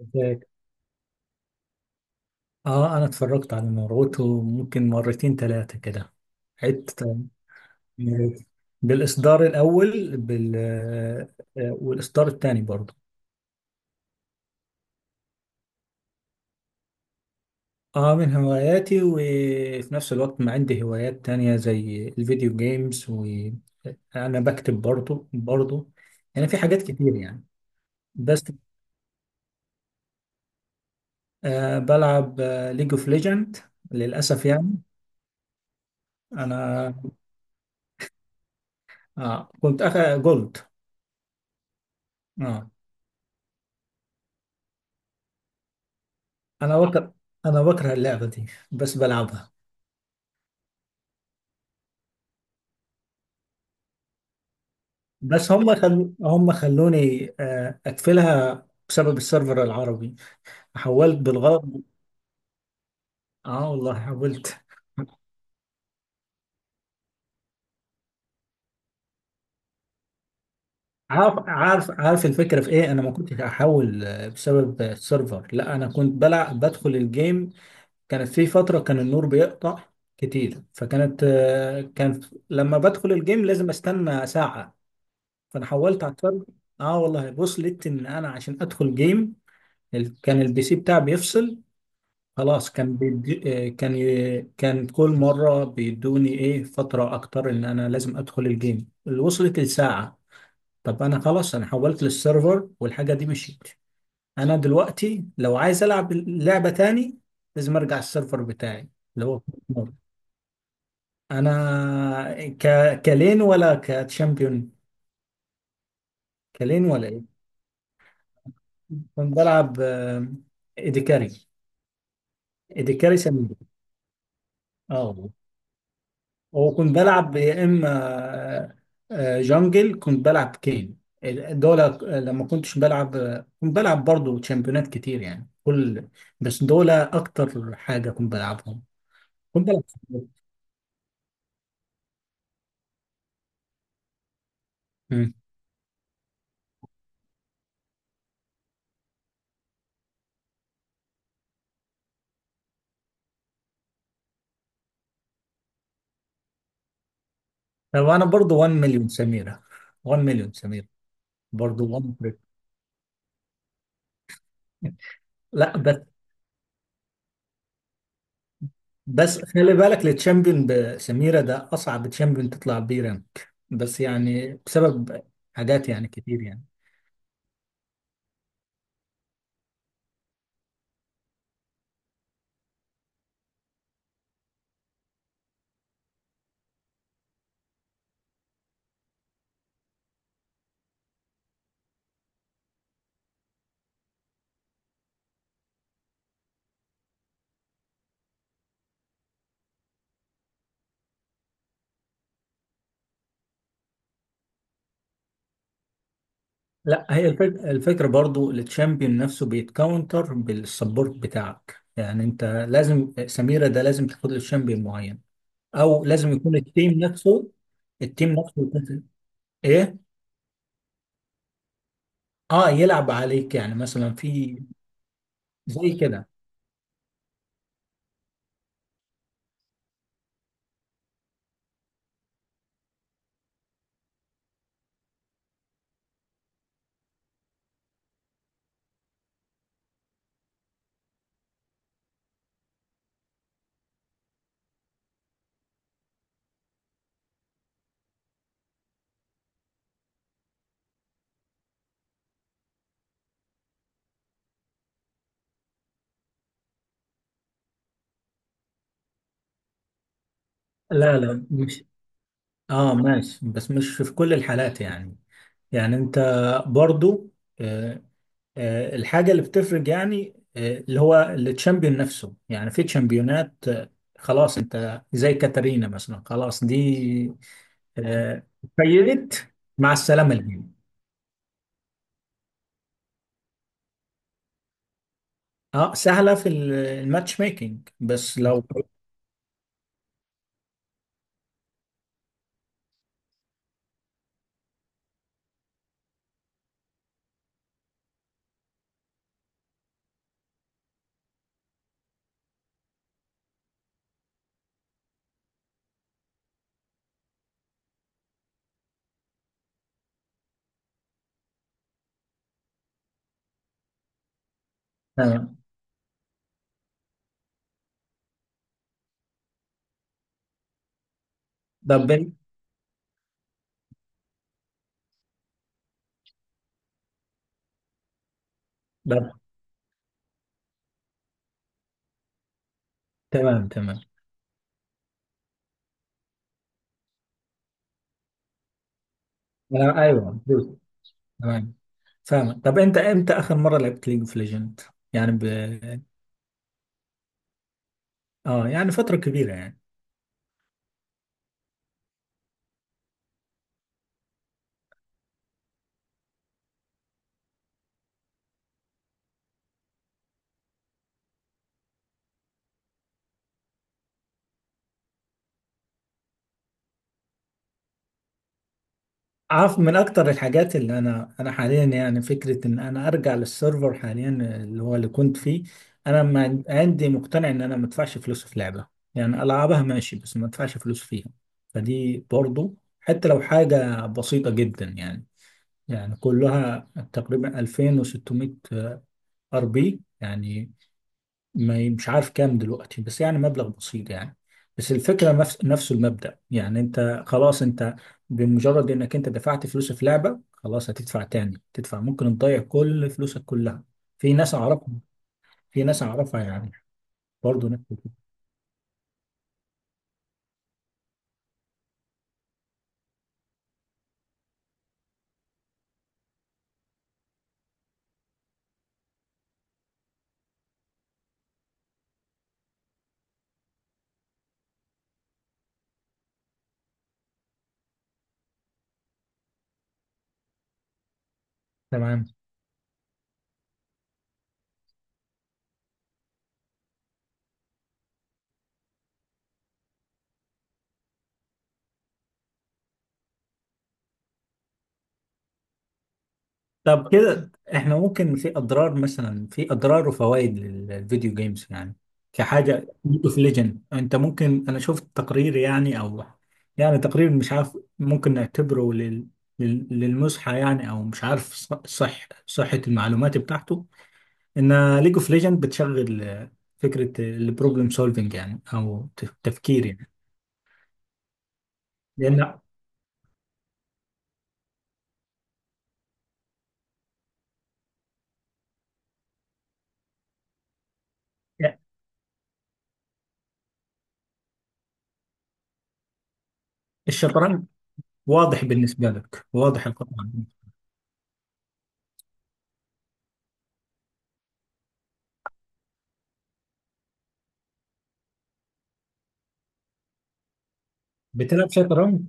ازيك؟ اه، انا اتفرجت على مرغوته ممكن مرتين ثلاثة كده، عدت. بالاصدار الاول بال آه، آه، والاصدار الثاني برضه. اه، من هواياتي، وفي نفس الوقت ما عندي هوايات تانية زي الفيديو جيمز، وانا بكتب برضه، يعني في حاجات كتير يعني. بس بلعب ليج اوف ليجند للاسف يعني. انا كنت جولد. اه، انا بكره انا بكره اللعبه دي، بس بلعبها. بس هم خلوني اقفلها بسبب السيرفر العربي. حولت بالغلط. اه والله حولت. عارف الفكره في ايه. انا ما كنتش احول بسبب السيرفر. لا، انا كنت بلعب بدخل الجيم. كانت في فتره كان النور بيقطع كتير، فكانت كان لما بدخل الجيم لازم استنى ساعه. فانا حولت على السيرفر. اه والله، وصلت ان انا عشان ادخل جيم، كان البي سي بتاعي بيفصل. خلاص، كان بيدي، كان كل مرة بيدوني ايه فترة اكتر، ان انا لازم ادخل الجيم، اللي وصلت لساعة. طب انا خلاص انا حولت للسيرفر، والحاجة دي مشيت. انا دلوقتي لو عايز العب لعبة تاني لازم ارجع السيرفر بتاعي، اللي هو مر. انا ك... كلين ولا كتشامبيون، كلين ولا ايه؟ كنت بلعب ايديكاري ايديكاري سمين. اه، وكنت بلعب يا اما آه، جانجل، كنت بلعب كين. دول لما كنتش بلعب، كنت بلعب برضو تشامبيونات كتير يعني كل، بس دول اكتر حاجة كنت بلعبهم. كنت بلعب. مم. طب انا برضو 1 مليون سميرة، 1 مليون سميرة، برضو 1 مليون. لا، بس خلي بالك، التشامبيون بسميرة ده اصعب تشامبيون تطلع بيه رانك، بس يعني بسبب حاجات يعني كتير يعني. لا، هي الفكرة، برضو التشامبيون نفسه بيتكاونتر بالسبورت بتاعك، يعني انت لازم سميرة ده لازم تاخد له تشامبيون معين، او لازم يكون التيم نفسه. ايه، اه، يلعب عليك، يعني مثلا في، زي كده. لا، لا، مش، اه، ماشي، بس مش في كل الحالات يعني. يعني انت برضو آه، الحاجة اللي بتفرق، يعني اللي هو التشامبيون نفسه، يعني في تشامبيونات خلاص انت زي كاترينا مثلا، خلاص دي آه، فيلت مع السلامة الجيم. اه، سهلة في الماتش ميكنج، بس لو، تمام. طب طب، تمام تمام، ايوه دوس. تمام، فاهم. طب انت امتى اخر مرة لعبت ليج اوف ليجند؟ يعني اه، يعني فترة كبيرة يعني. عارف من اكتر الحاجات اللي انا حاليا، يعني فكره ان انا ارجع للسيرفر حاليا اللي هو اللي كنت فيه. انا ما عن- عندي مقتنع ان انا ما ادفعش فلوس في لعبه، يعني العبها ماشي بس ما ادفعش فلوس فيها. فدي برضو حتى لو حاجه بسيطه جدا يعني، يعني كلها تقريبا 2600 ار بي يعني، ما ي- مش عارف كام دلوقتي، بس يعني مبلغ بسيط يعني. بس الفكرة نفس المبدأ، يعني انت خلاص انت، بمجرد انك انت دفعت فلوس في لعبة خلاص هتدفع تاني، تدفع ممكن تضيع كل فلوسك كلها. في ناس اعرفها، يعني برضه نفس الفكرة. تمام. طب كده احنا ممكن في اضرار، مثلا في اضرار وفوائد للفيديو جيمز يعني، كحاجه، اوف ليجند، انت ممكن، انا شفت تقرير يعني، او يعني تقرير مش عارف ممكن نعتبره للمزحه يعني، او مش عارف صح صحه المعلومات بتاعته، ان ليج اوف ليجند بتشغل فكره البروبلم سولفنج، يعني او تفكير يعني. لان الشطرنج واضح بالنسبه لك، واضح القطعه. بتلعب شطرنج؟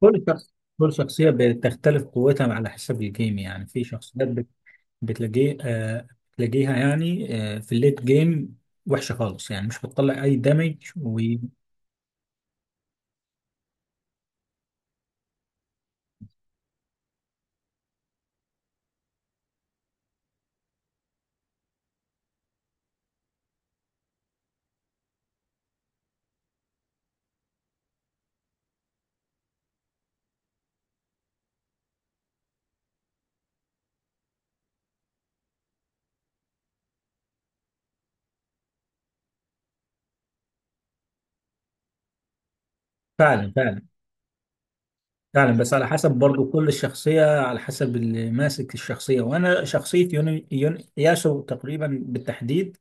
كل شخص كل شخصية بتختلف قوتها على حسب الجيم، يعني في شخصيات بتلاقيه آه بتلاقيها، يعني في الليت جيم وحشة خالص، يعني مش بتطلع أي دمج، وفعلا فعلا فعلا، بس على حسب برضو كل الشخصية على حسب اللي ماسك الشخصية، وأنا شخصية يون ياسو تقريبا بالتحديد،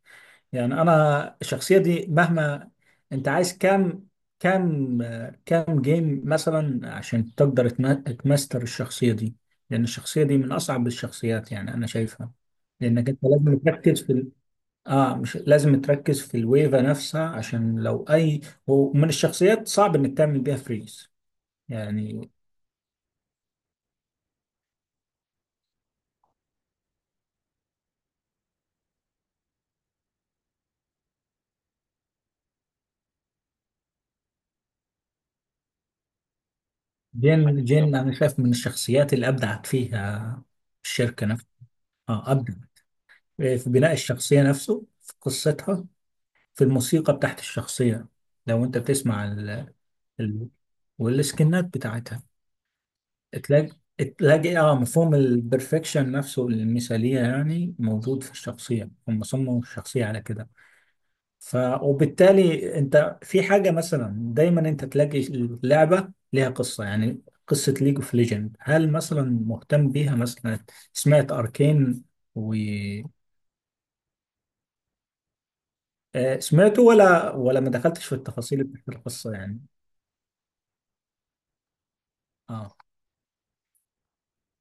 يعني انا الشخصيه دي مهما. انت عايز كام، كام كام جيم مثلا عشان تقدر تماستر الشخصيه دي؟ لان الشخصيه دي من اصعب الشخصيات، يعني انا شايفها، لانك انت لازم تركز في اه، مش لازم تركز في الويفه نفسها، عشان لو اي. ومن الشخصيات صعب انك تعمل بيها فريز يعني. جين، انا شايف من الشخصيات اللي ابدعت فيها الشركه نفسها. اه، ابدع في بناء الشخصيه نفسه، في قصتها، في الموسيقى بتاعت الشخصية. لو انت بتسمع ال... والسكنات بتاعتها، تلاقي، اه، مفهوم البرفكشن نفسه، المثالية يعني، موجود في الشخصية، هم صمموا الشخصية على كده. ف وبالتالي انت في حاجة مثلا، دايما انت تلاقي اللعبة ليها قصة، يعني قصة ليج اوف ليجند، هل مثلا مهتم بيها مثلا؟ سمعت اركين و آه، سمعته، ولا، ما دخلتش في التفاصيل بتاعت القصة يعني، اه